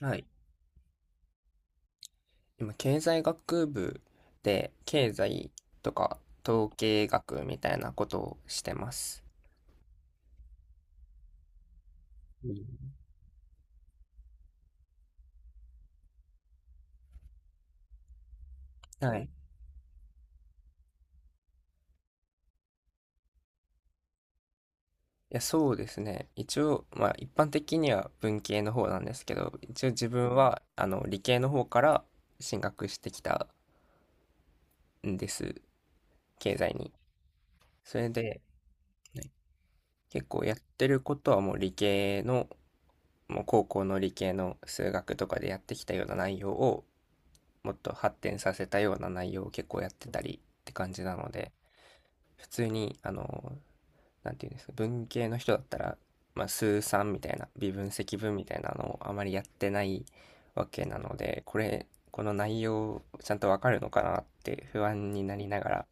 はい。今、経済学部で、経済とか統計学みたいなことをしてます。うん、はい。いや、そうですね。一応、まあ、一般的には文系の方なんですけど、一応自分は、理系の方から進学してきたんです。経済に。それで、はい。結構やってることはもう理系の、もう高校の理系の数学とかでやってきたような内容を、もっと発展させたような内容を結構やってたりって感じなので、普通になんていうんですか、文系の人だったら、まあ、数三みたいな微分積分みたいなのをあまりやってないわけなので、これこの内容ちゃんとわかるのかなって不安になりながら、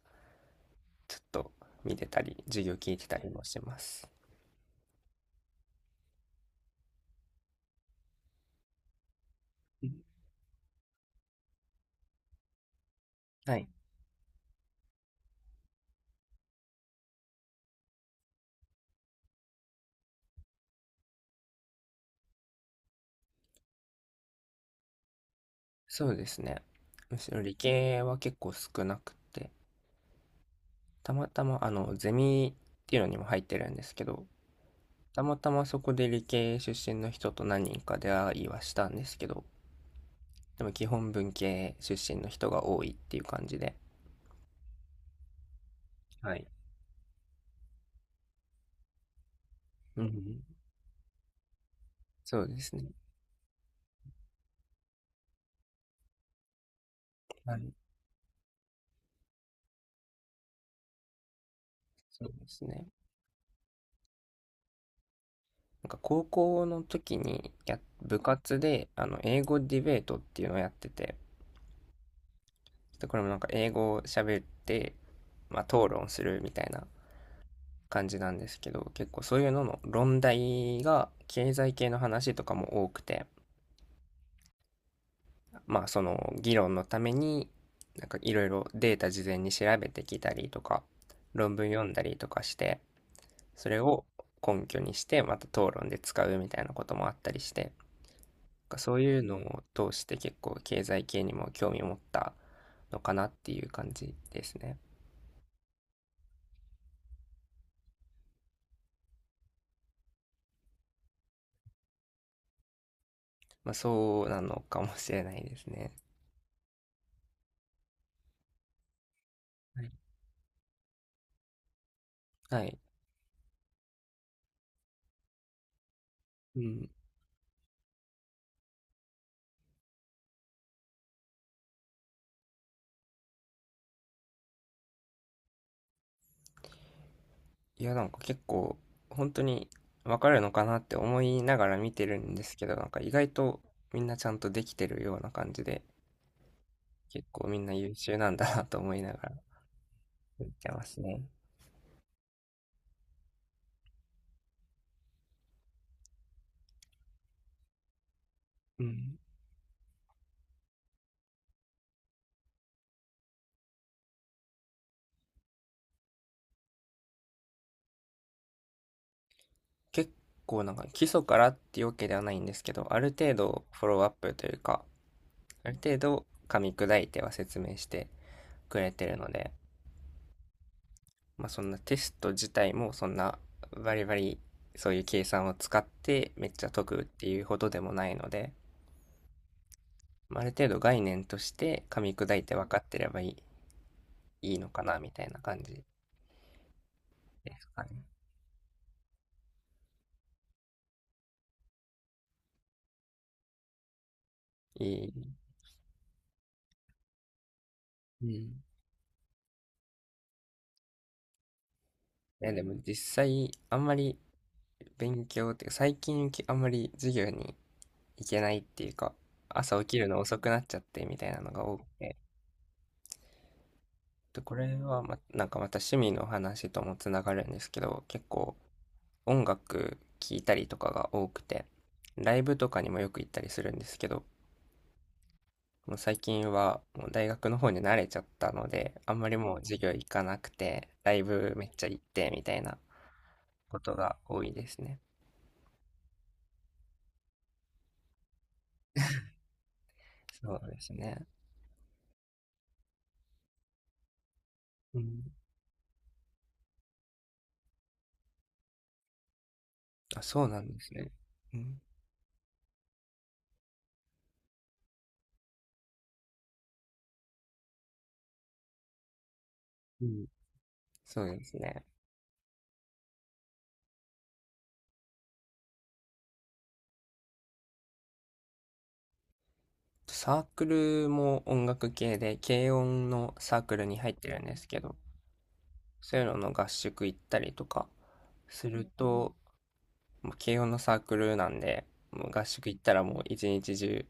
ちょっと見てたり授業聞いてたりもしてます。はい、そうですね。むしろ理系は結構少なくて、たまたまゼミっていうのにも入ってるんですけど、たまたまそこで理系出身の人と何人か出会いはしたんですけど、でも基本文系出身の人が多いっていう感じで。はい。うん。そうですね。はい。そうですね。なんか高校の時に部活で、英語ディベートっていうのをやってて、で、これもなんか英語を喋って、まあ、討論するみたいな感じなんですけど、結構そういうのの論題が経済系の話とかも多くて、まあその議論のためになんかいろいろデータ事前に調べてきたりとか論文読んだりとかして、それを根拠にしてまた討論で使うみたいなこともあったりして、なんかそういうのを通して結構経済系にも興味を持ったのかなっていう感じですね。まあそうなのかもしれないですね。はい。はい。うん。いや、なんか結構、本当にわかるのかなって思いながら見てるんですけど、なんか意外とみんなちゃんとできてるような感じで、結構みんな優秀なんだなと思いながら見てますね。うん。結構なんか基礎からっていうわけではないんですけど、ある程度フォローアップというか、ある程度噛み砕いては説明してくれてるので、まあそんな、テスト自体もそんなバリバリそういう計算を使ってめっちゃ解くっていうほどでもないので、まあある程度概念として噛み砕いて分かってればいいのかなみたいな感じですかね。いい。うん。いやでも実際あんまり勉強っていうか最近き、あんまり授業に行けないっていうか、朝起きるの遅くなっちゃってみたいなのが多くて。でこれはま、なんかまた趣味の話ともつながるんですけど、結構音楽聴いたりとかが多くて、ライブとかにもよく行ったりするんですけど、もう最近はもう大学の方に慣れちゃったので、あんまりもう授業行かなくて、ライブめっちゃ行ってみたいなことが多いですね。そうですね。うん。あ、そうなんですね。うん。うん。そうですね。サークルも音楽系で、軽音のサークルに入ってるんですけど、そういうのの合宿行ったりとかすると、もう軽音のサークルなんで、もう合宿行ったらもう一日中、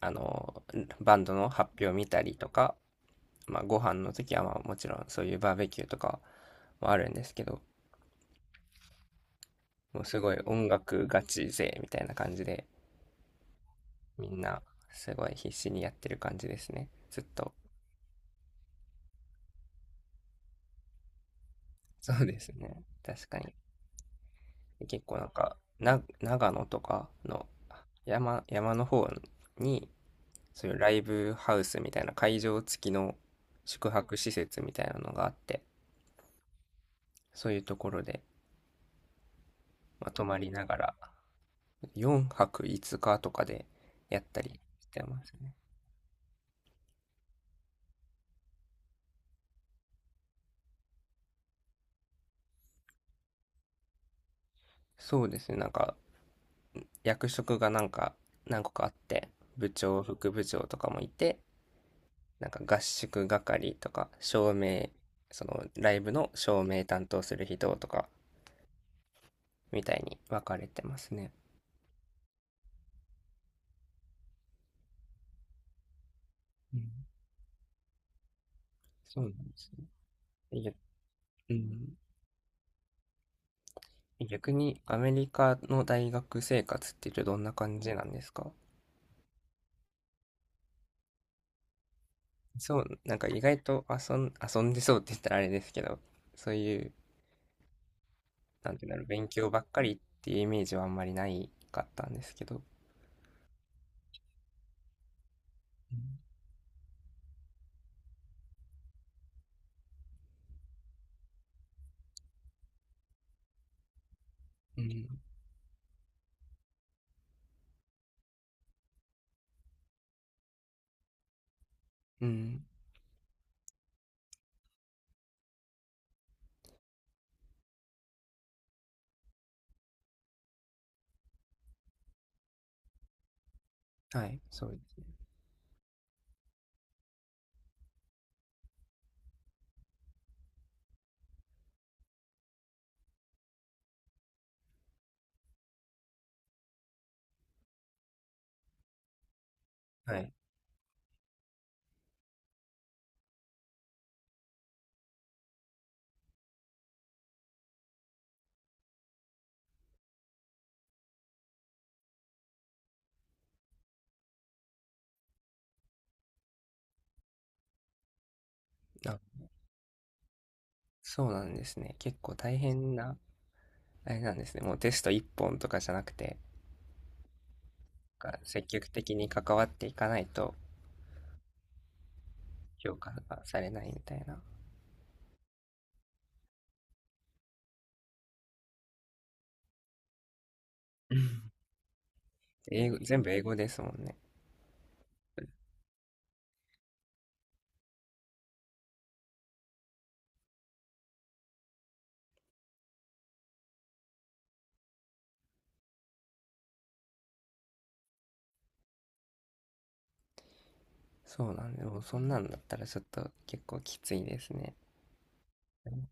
あの、バンドの発表見たりとか、まあ、ご飯の時はまあもちろんそういうバーベキューとかもあるんですけど、もうすごい音楽ガチ勢みたいな感じで、みんなすごい必死にやってる感じですね。ずっと。そうですね。確かに。結構なんか、長野とかの山の方に、そういうライブハウスみたいな会場付きの宿泊施設みたいなのがあって、そういうところで、まあ、泊まりながら、4泊5日とかでやったりしてますね。そうですね、なんか役職がなんか何個かあって、部長、副部長とかもいて、なんか合宿係とか、照明、そのライブの照明担当する人とか、みたいに分かれてますね。うん、そうなんですね。逆うん、逆にアメリカの大学生活っていうとどんな感じなんですか？そう、なんか意外と遊んでそうって言ったらあれですけど、そういうなんていうんだろう、勉強ばっかりっていうイメージはあんまりないかったんですけど。うん。うん。うん。はい、そうですね。はい。あ、そうなんですね。結構大変な、あれなんですね。もうテスト1本とかじゃなくて、が積極的に関わっていかないと評価がされないみたいな。英語、全部英語ですもんね。そうなんで、もうそんなんだったらちょっと結構きついですね。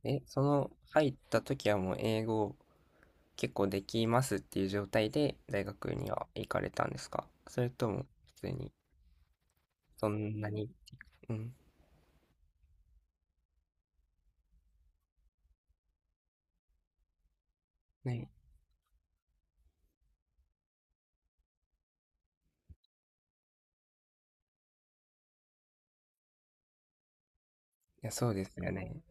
え、その入った時はもう英語結構できますっていう状態で大学には行かれたんですか、それとも普通にそんなに、うん、ね、いや、そうですよね。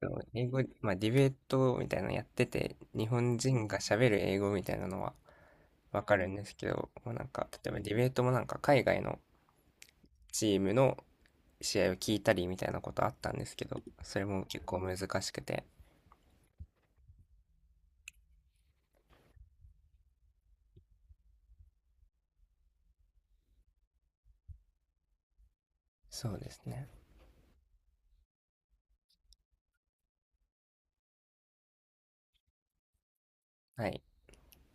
そう英語、まあディベートみたいなのやってて、日本人が喋る英語みたいなのはわかるんですけど、もうなんか、例えばディベートもなんか海外のチームの試合を聞いたりみたいなことあったんですけど、それも結構難しくて、そうですね。はい。